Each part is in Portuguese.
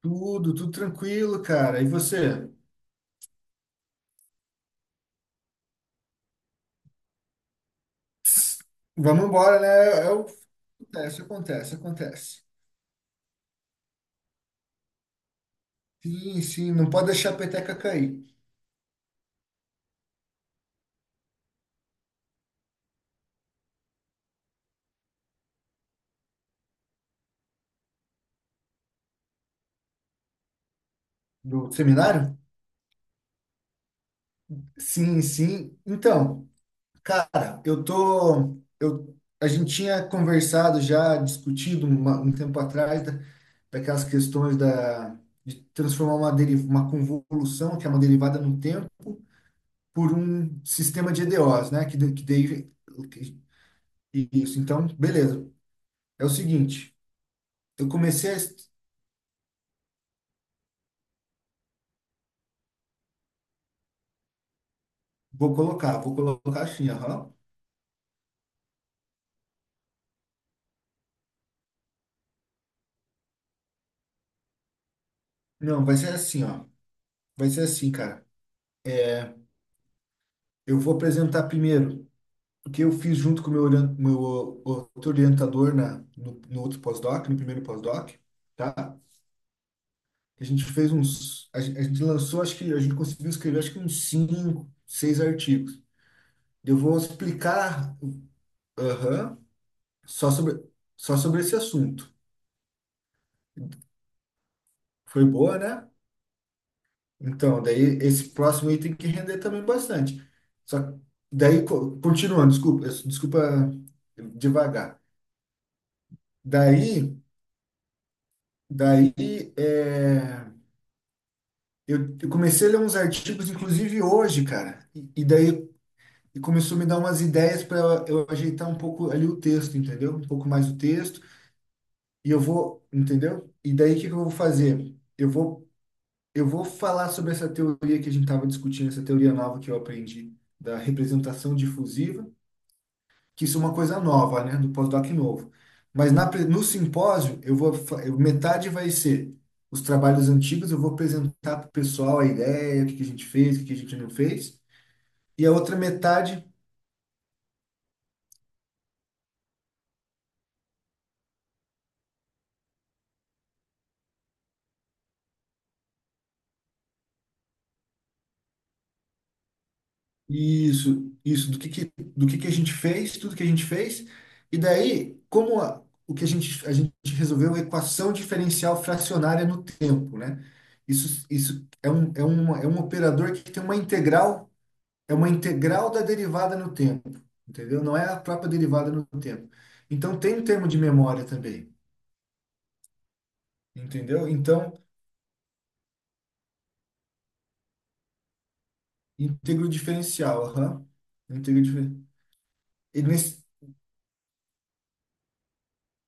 Tudo, tudo tranquilo, cara. E você? Tss, vamos embora, né? É o- Acontece, acontece, acontece. Sim, sim, não pode deixar a peteca cair. Do seminário? Sim, sim. Então, cara, eu tô. A gente tinha conversado já, discutido um tempo atrás daquelas questões da, de transformar uma convolução, que é uma derivada no tempo, por um sistema de EDOs, né? Que daí. que- Isso, então, beleza. É o seguinte, eu comecei a. Vou colocar assim, aham. Não, vai ser assim, ó. Vai ser assim, cara. Eu vou apresentar primeiro o que eu fiz junto com o meu outro orientador na, no, no outro pós-doc, no primeiro pós-doc, tá? A gente fez uns, a gente lançou, acho que a gente conseguiu escrever, acho que uns cinco, seis artigos. Eu vou explicar, aham, só sobre, só sobre esse assunto. Foi boa, né? Então, daí esse próximo item tem que render também bastante. Só que daí, continuando, desculpa, desculpa devagar. Daí, daí, é, eu comecei a ler uns artigos, inclusive hoje, cara. E daí começou a me dar umas ideias para eu ajeitar um pouco ali o texto, entendeu? Um pouco mais o texto. E eu vou, entendeu? E daí o que que eu vou fazer? Eu vou falar sobre essa teoria que a gente estava discutindo, essa teoria nova que eu aprendi da representação difusiva, que isso é uma coisa nova, né, do pós-doc novo. Mas no simpósio, eu vou, fa- eu- metade vai ser os trabalhos antigos. Eu vou apresentar para o pessoal a ideia, o que que a gente fez, o que que a gente não fez, e a outra metade, isso, do que que a gente fez, tudo que a gente fez. E daí, o que a gente resolveu a equação diferencial fracionária no tempo, né? Isso, é um operador que tem uma integral. É uma integral da derivada no tempo, entendeu? Não é a própria derivada no tempo. Então tem um termo de memória também, entendeu? Então, íntegro diferencial, aham. Íntegro dife- e nesse-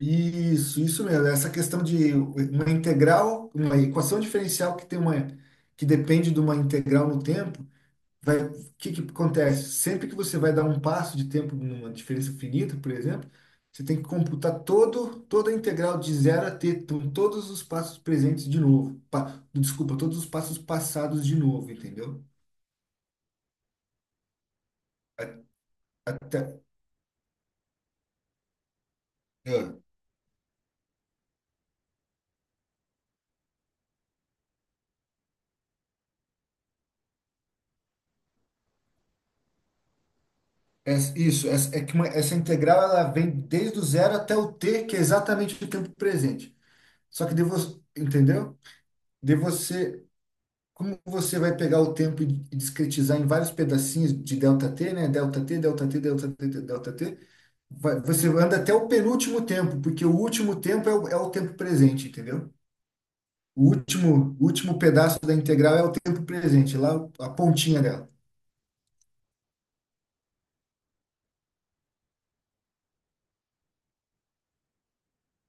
Isso mesmo. É essa questão de uma integral, uma equação diferencial que tem uma que depende de uma integral no tempo. Vai, o que que acontece? Sempre que você vai dar um passo de tempo numa diferença finita, por exemplo, você tem que computar todo, toda a integral de zero a t, então, todos os passos presentes de novo. Desculpa, todos os passos passados de novo, entendeu? Até- é, é isso, é que essa integral, ela vem desde o zero até o t, que é exatamente o tempo presente. Só que de você, entendeu? De você Como você vai pegar o tempo e discretizar em vários pedacinhos de delta t, né? Delta t, delta t, delta t, delta t, você anda até o penúltimo tempo, porque o último tempo é o, é o tempo presente, entendeu? O último pedaço da integral é o tempo presente, lá a pontinha dela.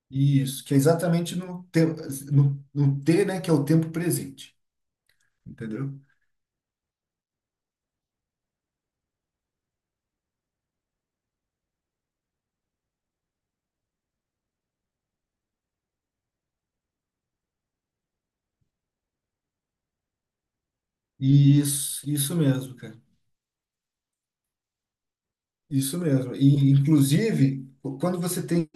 Isso, que é exatamente no, te, no, no t, né? Que é o tempo presente, entendeu? Isso mesmo, cara. Isso mesmo. E, inclusive, quando você tem,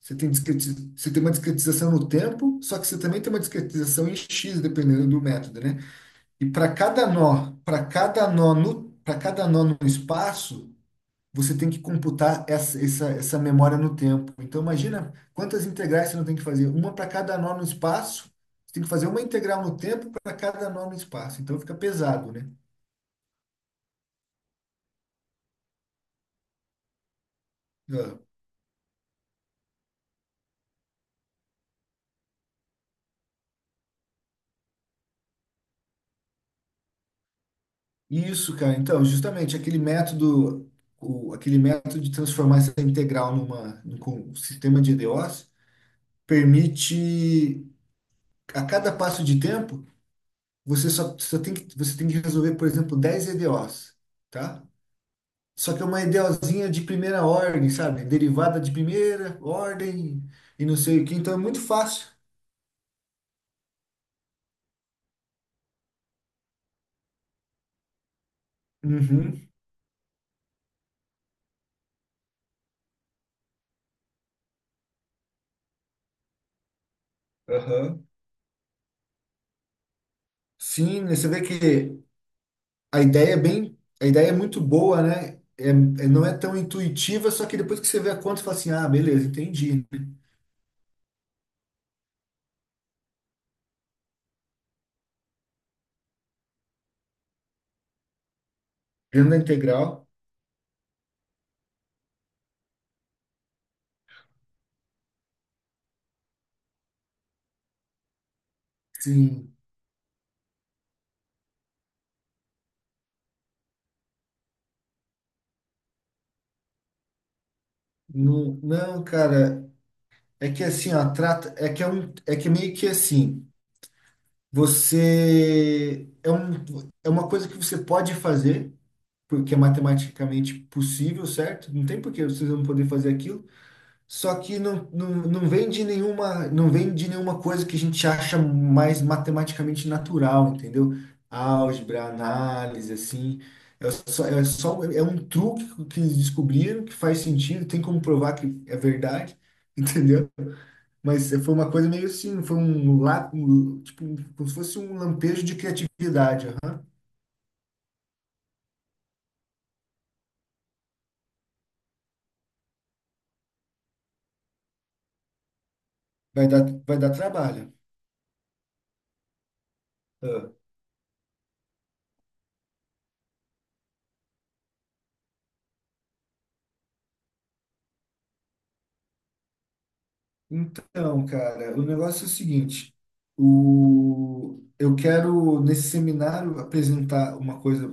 você tem, discreti- você tem uma discretização no tempo, só que você também tem uma discretização em x, dependendo do método, né? E para cada nó no espaço, você tem que computar essa memória no tempo. Então, imagina quantas integrais você não tem que fazer. Uma para cada nó no espaço, você tem que fazer uma integral no tempo para cada nó no espaço. Então, fica pesado, né? Ah. Isso, cara. Então, justamente aquele método, aquele método de transformar essa integral sistema de EDOs permite, a cada passo de tempo, você tem que resolver, por exemplo, 10 EDOs, tá? Só que é uma EDOzinha de primeira ordem, sabe? Derivada de primeira ordem e não sei o que. Então é muito fácil. Uhum. Aham. Sim, né, você vê que a ideia é bem, a ideia é muito boa, né? Não é tão intuitiva, só que depois que você vê a conta, você fala assim, ah, beleza, entendi. Grande da integral, sim. Não, não, cara, é que assim, ó, trata, é que é um, é que meio que assim, você é um, é uma coisa que você pode fazer, porque é matematicamente possível, certo? Não tem por que vocês não poder fazer aquilo. Só que não, não, não vem de nenhuma coisa que a gente acha mais matematicamente natural, entendeu? Álgebra, análise, assim. É um truque que eles descobriram que faz sentido, tem como provar que é verdade, entendeu? Mas foi uma coisa meio assim, foi um tipo, como se fosse um lampejo de criatividade. Aham. Vai dar trabalho. Então, cara, o negócio é o seguinte, eu quero nesse seminário apresentar uma coisa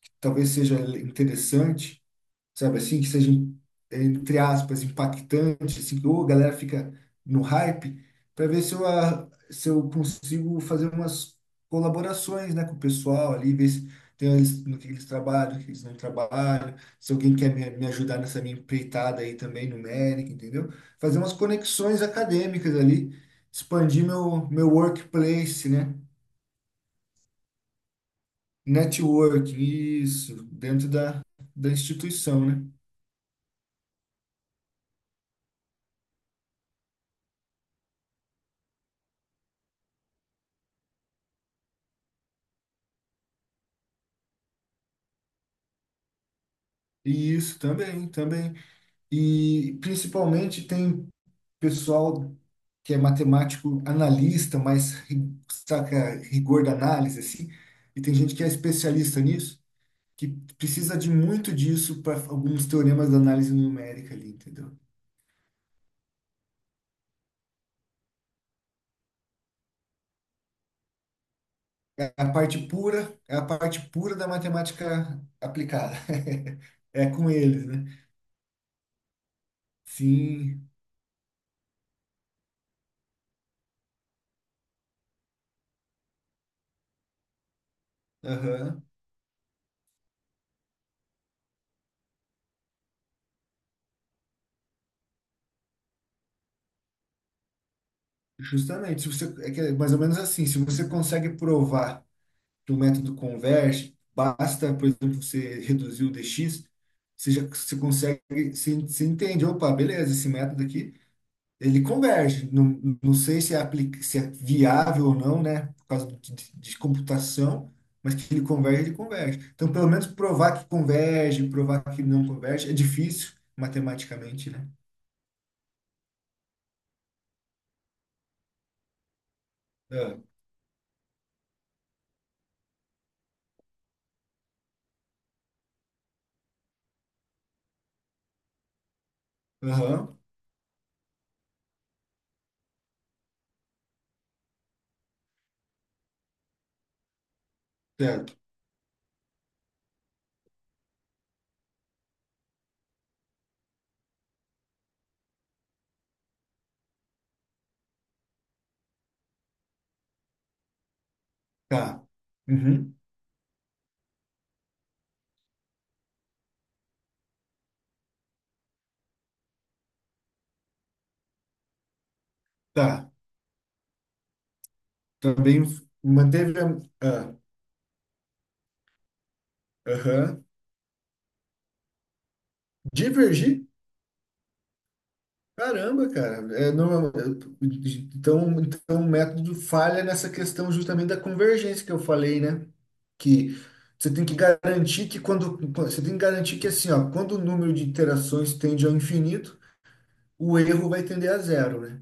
que talvez seja interessante, sabe assim, que seja, entre aspas, impactante, assim, que ô, a galera fica no hype, para ver se se eu consigo fazer umas colaborações, né, com o pessoal ali, ver se tem eles, no que eles trabalham, no que eles não trabalham, se alguém quer me ajudar nessa minha empreitada aí também, numérica, entendeu? Fazer umas conexões acadêmicas ali, expandir meu workplace, né? Networking, isso, dentro da instituição, né? Isso, também, também. E principalmente tem pessoal que é matemático analista, mas saca rigor da análise, assim, e tem gente que é especialista nisso, que precisa de muito disso para alguns teoremas da análise numérica ali, entendeu? É a parte pura, é a parte pura da matemática aplicada. É com eles, né? Sim, aham. Justamente, se você, é que é mais ou menos assim, se você consegue provar de um método converge basta, por exemplo, você reduzir o dx, você já você consegue, você entende, opa, beleza, esse método aqui, ele converge. Não, não sei se é, aplica, se é viável ou não, né, por causa de computação, mas que ele converge, ele converge. Então, pelo menos provar que converge, provar que não converge, é difícil matematicamente, né? Ah, aham, certo, tá. Uhum, tá. Também manteve a. Ah, aham. Divergir? Caramba, cara. É, então, o método falha nessa questão justamente da convergência que eu falei, né? Que você tem que garantir que assim, ó, quando o número de iterações tende ao infinito, o erro vai tender a zero, né?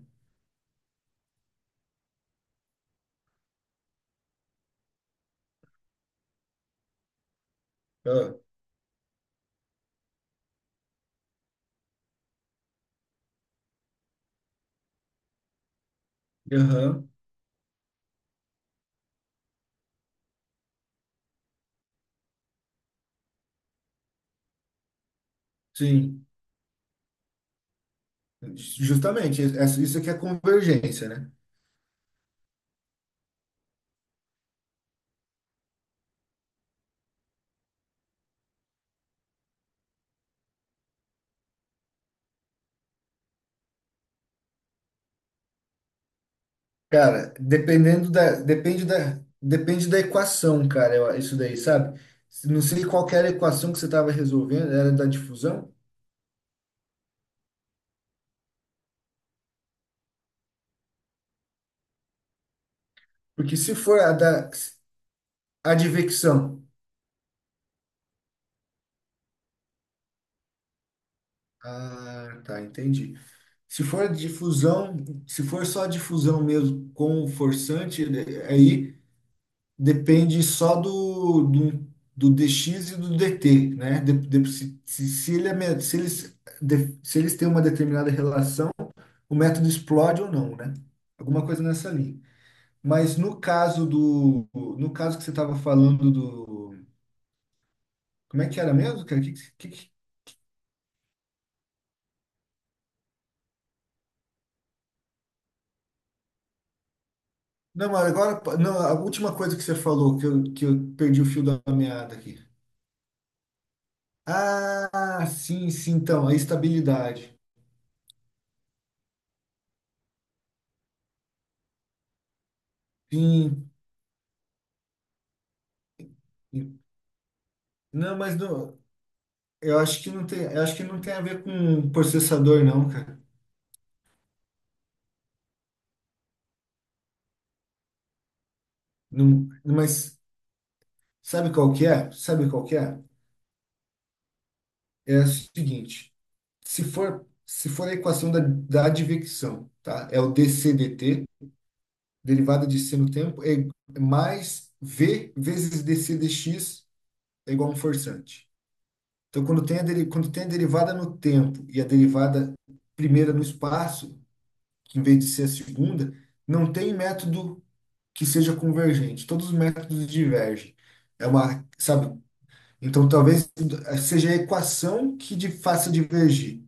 Ah, aham, sim, justamente, isso aqui é a convergência, né? Cara, depende da equação, cara, isso daí, sabe? Não sei qual que era a equação que você estava resolvendo, era da difusão? Porque se for a da advecção, ah, tá, entendi. Se for difusão, se for só difusão mesmo com o forçante, né, aí depende só do dx e do dt, né? De- se, se, se ele é me- se eles, de- se eles têm uma determinada relação, o método explode ou não, né? Alguma coisa nessa linha. Mas no caso do, no caso que você estava falando do, como é que era mesmo, cara? Não, mas agora, não, a última coisa que você falou, que eu, perdi o fio da meada aqui. Ah, sim, sim, então, a estabilidade. Sim, não, mas não, eu acho que não tem a ver com processador, não, cara. Não, mas sabe qual que é? Sabe qual que é? É o seguinte, se for a equação da advecção, tá? É o dCdt, derivada de c no tempo, é mais v vezes dc dx é igual a um forçante. Então, quando tem a derivada no tempo e a derivada primeira no espaço, que em vez de ser a segunda, não tem método que seja convergente. Todos os métodos divergem. É uma, sabe? Então, talvez seja a equação que faça divergir,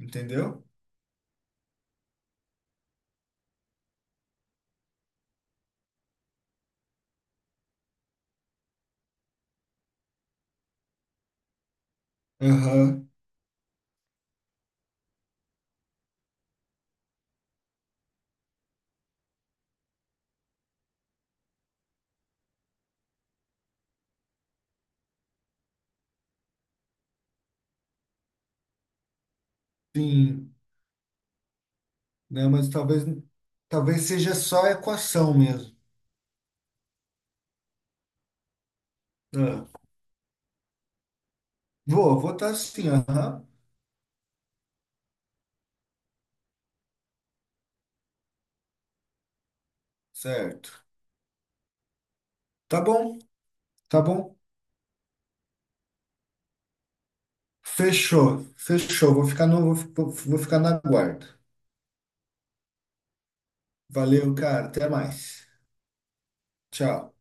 entendeu? Aham, sim, né? Mas talvez seja só a equação mesmo. Ah, Vou estar assim, aham, certo. Tá bom, tá bom. Fechou, fechou. Vou ficar no, vou, fi- Vou ficar na guarda. Valeu, cara. Até mais. Tchau.